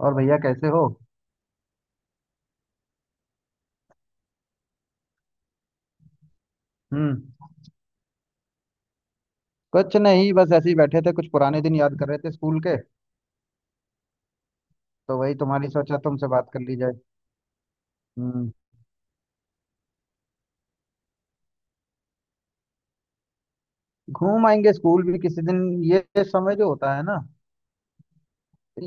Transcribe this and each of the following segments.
और भैया कैसे हो? हम्म। कुछ नहीं, बस ऐसे ही बैठे थे, कुछ पुराने दिन याद कर रहे थे स्कूल के। तो वही तुम्हारी सोचा तुमसे बात कर ली जाए। हम्म। घूम आएंगे स्कूल भी किसी दिन। ये समय जो होता है ना,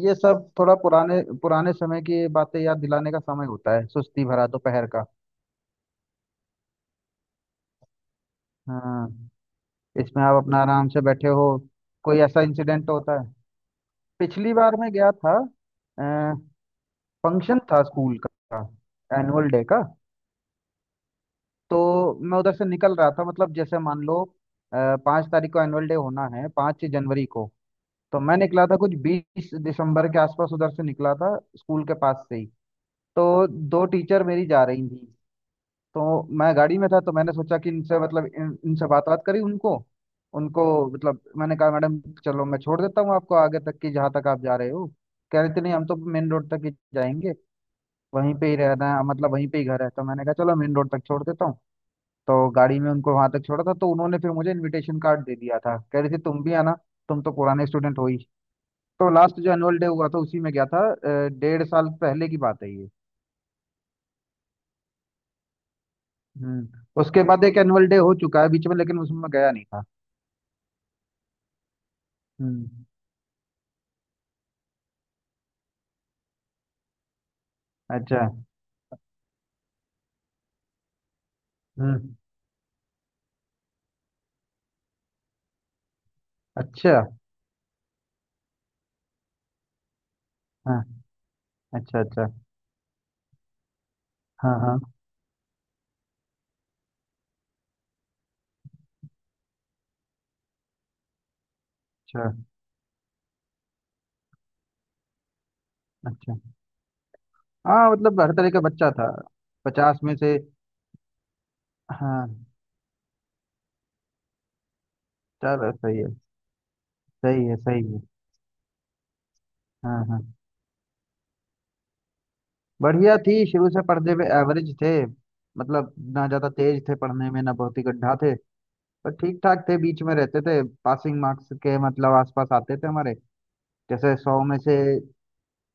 ये सब थोड़ा पुराने पुराने समय की बातें याद दिलाने का समय होता है, सुस्ती भरा दोपहर का। हाँ। इसमें आप अपना आराम से बैठे हो। कोई ऐसा इंसिडेंट होता है। पिछली बार मैं गया था। फंक्शन था स्कूल का, एनुअल डे का। तो मैं उधर से निकल रहा था, मतलब जैसे मान लो, अ, 5 तारीख को एनुअल डे होना है, 5 जनवरी को। तो मैं निकला था कुछ 20 दिसंबर के आसपास, उधर से निकला था स्कूल के पास से ही। तो दो टीचर मेरी जा रही थी। तो मैं गाड़ी में था, तो मैंने सोचा कि इनसे, मतलब इनसे बात बात करी उनको उनको मतलब मैंने कहा मैडम, चलो मैं छोड़ देता हूँ आपको आगे तक की, जहाँ तक आप जा रहे हो। कह रहे थे नहीं, हम तो मेन रोड तक ही जाएंगे। वहीं पे ही रहना है, मतलब वहीं पे ही घर है। तो मैंने कहा चलो, मेन रोड तक छोड़ देता हूँ। तो गाड़ी में उनको वहां तक छोड़ा था। तो उन्होंने फिर मुझे इनविटेशन कार्ड दे दिया था, कह रहे थे तुम भी आना, तुम तो पुराने स्टूडेंट हो ही। तो लास्ट जो एनुअल डे हुआ था उसी में गया था, 1.5 साल पहले की बात है ये। हम्म। उसके बाद एक एनुअल डे हो चुका है बीच में, लेकिन उसमें मैं गया नहीं था। हम्म। अच्छा। हम्म। अच्छा। हाँ। अच्छा अच्छा। हाँ हाँ। अच्छा अच्छा। हाँ, मतलब हर तरह का बच्चा था, 50 में से। हाँ। चलो सही है। सही है सही है। हाँ हाँ। बढ़िया थी, शुरू से पढ़ने में एवरेज थे। मतलब ना ज्यादा तेज थे पढ़ने में, ना बहुत ही गड्ढा थे। पर ठीक ठाक थे, बीच में रहते थे, पासिंग मार्क्स के मतलब आसपास आते थे हमारे। जैसे 100 में से,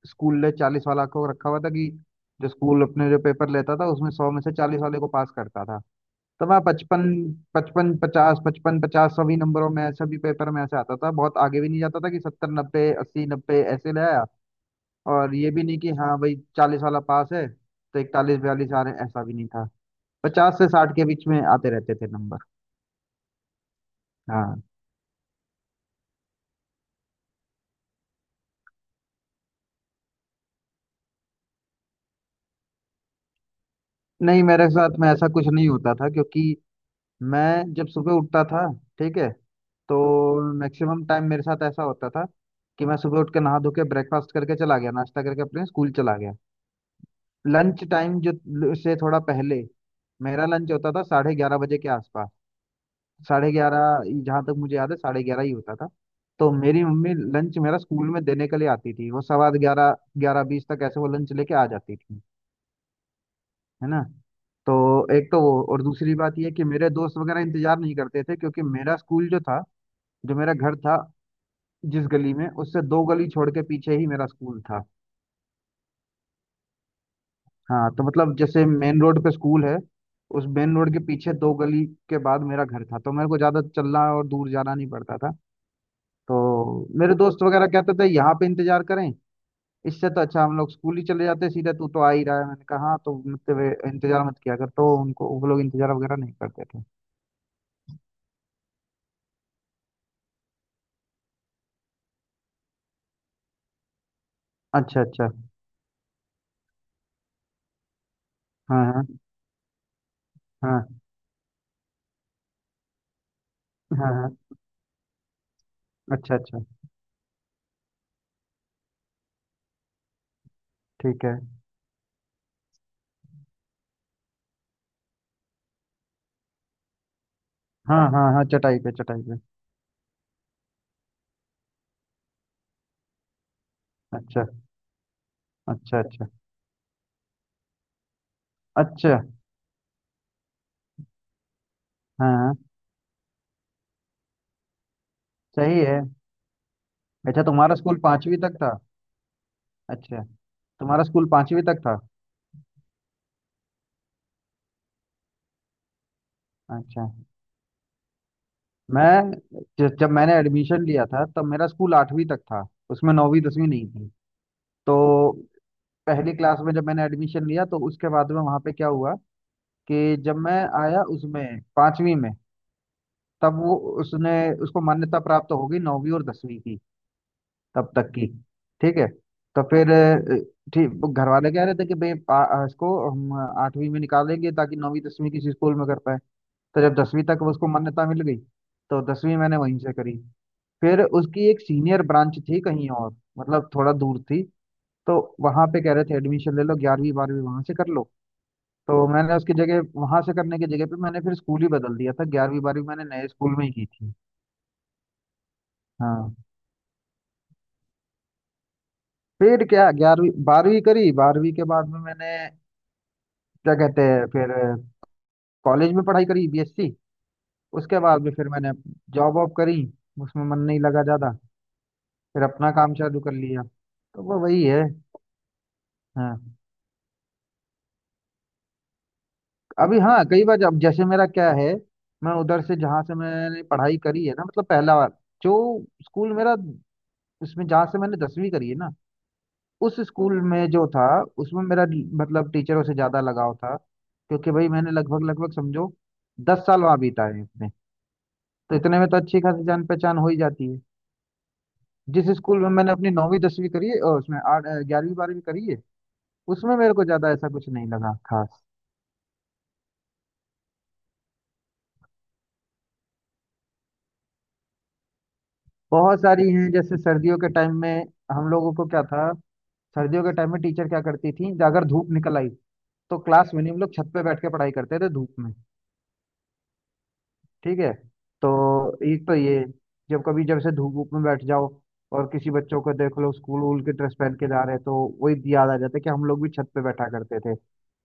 स्कूल ने 40 वाला को रखा हुआ था, कि जो स्कूल अपने जो पेपर लेता था उसमें 100 में से 40 वाले को पास करता था। तो मैं 55, 55, 50, 55, 50 सभी नंबरों में, सभी पेपर में ऐसे आता था, बहुत आगे भी नहीं जाता था कि 70, 90, 80, 90 ऐसे ले आया। और ये भी नहीं कि हाँ भाई 40 वाला पास है तो 41, 42 आ रहे हैं, ऐसा भी नहीं था। 50 से 60 के बीच में आते रहते थे नंबर। हाँ। नहीं, मेरे साथ में ऐसा कुछ नहीं होता था, क्योंकि मैं जब सुबह उठता था, ठीक है, तो मैक्सिमम टाइम मेरे साथ ऐसा होता था कि मैं सुबह उठ के नहा धो के ब्रेकफास्ट करके चला गया, नाश्ता करके अपने स्कूल चला गया। लंच टाइम जो से थोड़ा पहले, मेरा लंच होता था 11:30 बजे के आसपास। 11:30, जहाँ तक मुझे याद है 11:30 ही होता था। तो मेरी मम्मी लंच मेरा स्कूल में देने के लिए आती थी, वो 11:15, 11:20 तक ऐसे वो लंच लेके आ जाती थी। है ना। तो एक तो वो, और दूसरी बात ये कि मेरे दोस्त वगैरह इंतजार नहीं करते थे क्योंकि मेरा स्कूल जो था, जो मेरा घर था, जिस गली में, उससे दो गली छोड़ के पीछे ही मेरा स्कूल था। हाँ, तो मतलब जैसे मेन रोड पे स्कूल है, उस मेन रोड के पीछे दो गली के बाद मेरा घर था, तो मेरे को ज्यादा चलना और दूर जाना नहीं पड़ता था। तो मेरे दोस्त वगैरह कहते थे यहाँ पे इंतजार करें, इससे तो अच्छा हम लोग स्कूल ही चले जाते सीधे, तू तो आ ही रहा है। मैंने कहा हाँ, तो मतलब ये इंतजार मत किया कर। तो उनको, वो लोग इंतजार वगैरह नहीं करते थे। अच्छा अच्छा। हाँ हाँ। हाँ हाँ हाँ। अच्छा अच्छा। ठीक है। हाँ हाँ हाँ, चटाई पे, चटाई पे। अच्छा अच्छा। अच्छा अच्छा। हाँ हाँ, सही है। अच्छा, तुम्हारा स्कूल पांचवी तक था? अच्छा। तुम्हारा स्कूल पांचवी तक था। अच्छा। मैं, जब मैंने एडमिशन लिया था तब मेरा स्कूल आठवीं तक था। उसमें नौवीं दसवीं नहीं थी। तो पहली क्लास में जब मैंने एडमिशन लिया, तो उसके बाद में वहाँ पे क्या हुआ कि जब मैं आया उसमें पांचवी में, तब वो, उसने, उसको मान्यता प्राप्त हो गई नौवीं और 10वीं की, तब तक की। ठीक है। तो फिर ठीक, वो घर वाले कह रहे थे कि भाई, इसको हम आठवीं में निकालेंगे ताकि नौवीं दसवीं किसी स्कूल में कर पाए। तो जब 10वीं तक उसको मान्यता मिल गई, तो 10वीं मैंने वहीं से करी। फिर उसकी एक सीनियर ब्रांच थी कहीं, और मतलब थोड़ा दूर थी। तो वहां पे कह रहे थे एडमिशन ले लो, 11वीं 12वीं वहां से कर लो। तो मैंने उसकी जगह, वहां से करने की जगह पे, मैंने फिर स्कूल ही बदल दिया था, 11वीं 12वीं मैंने नए स्कूल में ही की थी। हाँ। फिर क्या, 11वीं 12वीं करी, 12वीं के बाद में मैंने क्या कहते हैं, फिर कॉलेज में पढ़ाई करी, बीएससी। उसके बाद में फिर मैंने जॉब वॉब करी, उसमें मन नहीं लगा ज्यादा। फिर अपना काम चालू कर लिया, तो वो वही है। हाँ। अभी, हाँ कई बार, जब जैसे मेरा क्या है, मैं उधर से जहाँ से मैंने पढ़ाई करी है ना, मतलब पहला बार जो स्कूल मेरा, उसमें जहाँ से मैंने 10वीं करी है ना, उस स्कूल में जो था, उसमें मेरा, मतलब टीचरों से ज्यादा लगाव था, क्योंकि भाई मैंने लगभग लगभग समझो 10 साल वहाँ बिताए हैं अपने, तो इतने में तो अच्छी खासी जान पहचान हो ही जाती है। जिस स्कूल में मैंने अपनी नौवीं 10वीं करी है, और उसमें आठ 11वीं 12वीं करी है, उसमें मेरे को ज्यादा ऐसा कुछ नहीं लगा खास। बहुत सारी हैं, जैसे सर्दियों के टाइम में हम लोगों को क्या था, सर्दियों के टाइम में टीचर क्या करती थी, अगर धूप निकल आई तो क्लास में नहीं, हम लोग छत पे बैठ के पढ़ाई करते थे धूप में। ठीक है। तो एक तो ये, जब कभी जब से धूप, धूप में बैठ जाओ और किसी बच्चों को देख लो स्कूल वूल के ड्रेस पहन के जा रहे हैं, तो वही याद आ जाता है कि हम लोग भी छत पे बैठा करते थे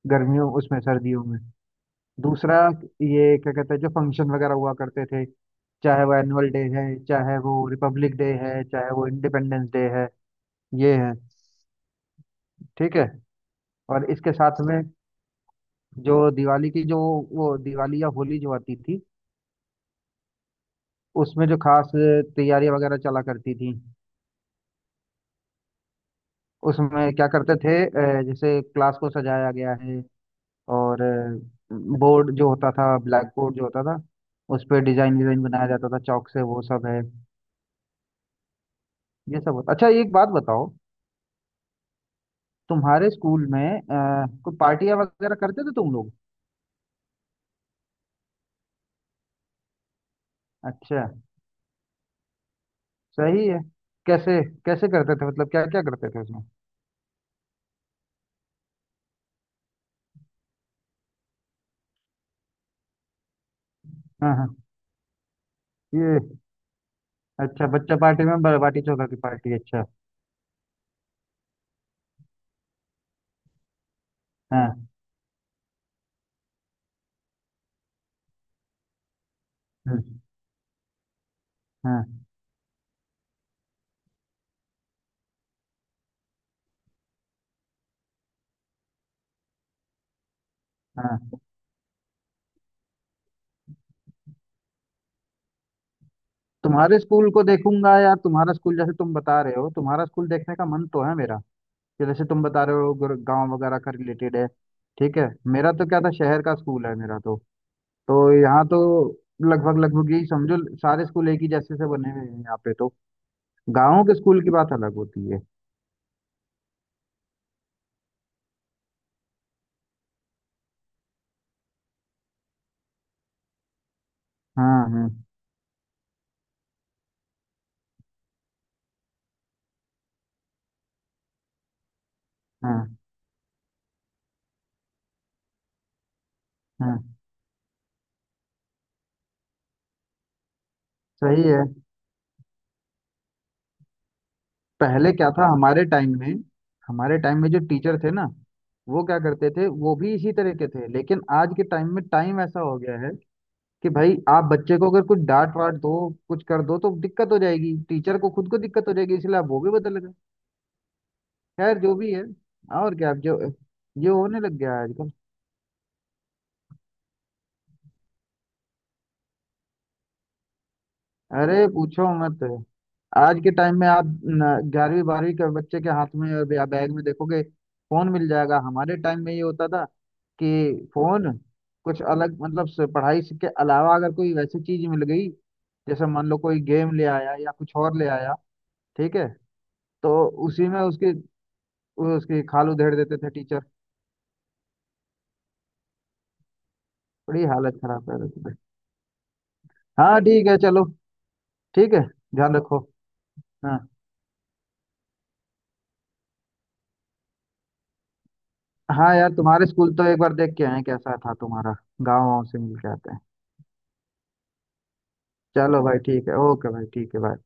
गर्मियों, उसमें सर्दियों में। दूसरा, ये क्या कहते हैं, जो फंक्शन वगैरह हुआ करते थे, चाहे वो एनुअल डे है, चाहे वो रिपब्लिक डे है, चाहे वो इंडिपेंडेंस डे है, ये है। ठीक है। और इसके साथ में जो दिवाली की जो, वो दिवाली या होली जो आती थी, उसमें जो खास तैयारियां वगैरह चला करती थी, उसमें क्या करते थे, जैसे क्लास को सजाया गया है, और बोर्ड जो होता था, ब्लैक बोर्ड जो होता था, उस पर डिजाइन डिजाइन बनाया जाता था चौक से, वो सब है। ये सब होता। अच्छा, एक बात बताओ, तुम्हारे स्कूल में कोई पार्टियां वगैरह करते थे तुम लोग? अच्छा। सही है। कैसे कैसे करते थे, मतलब क्या क्या करते थे उसमें? हाँ हाँ। अच्छा, बच्चा पार्टी में बाटी चोखा की पार्टी, अच्छा। हाँ। हम्म। हाँ हाँ, तुम्हारे स्कूल को देखूंगा यार, तुम्हारा स्कूल, जैसे तुम बता रहे हो तुम्हारा स्कूल, देखने का मन तो है मेरा। कि जैसे तुम बता रहे हो, गांव वगैरह का रिलेटेड है। ठीक है। मेरा तो क्या था, शहर का स्कूल है मेरा तो यहाँ तो लगभग लगभग यही समझो सारे स्कूल एक ही जैसे से बने हुए हैं यहाँ पे, तो गाँव के स्कूल की बात अलग होती है। हाँ हाँ हाँ हाँ। सही है। पहले क्या था, हमारे टाइम में, हमारे टाइम में जो टीचर थे ना, वो क्या करते थे, वो भी इसी तरह के थे, लेकिन आज के टाइम में टाइम ऐसा हो गया है कि भाई, आप बच्चे को अगर कुछ डांट वाट दो, कुछ कर दो तो दिक्कत हो जाएगी, टीचर को खुद को दिक्कत हो जाएगी, इसलिए आप वो भी बदल गए। खैर जो भी है, और क्या, अब जो ये होने लग गया है आजकल। अरे पूछो मत, आज के टाइम में आप 11वीं 12वीं के बच्चे के हाथ में और या बैग में देखोगे फोन मिल जाएगा। हमारे टाइम में ये होता था कि फोन, कुछ अलग मतलब से, के अलावा अगर कोई वैसी चीज मिल गई, जैसे मान लो कोई गेम ले आया या कुछ और ले आया, ठीक है, तो उसी में उसकी उसकी खाल उधेड़ देते थे टीचर। बड़ी हालत खराब कर देते थे। हाँ ठीक है, चलो। ठीक है, ध्यान रखो। हाँ हाँ, यार तुम्हारे स्कूल तो एक बार देख के आए हैं, कैसा था तुम्हारा गाँव वाँव से मिल के आते हैं। चलो भाई, ठीक है, ओके भाई, ठीक है, बाय।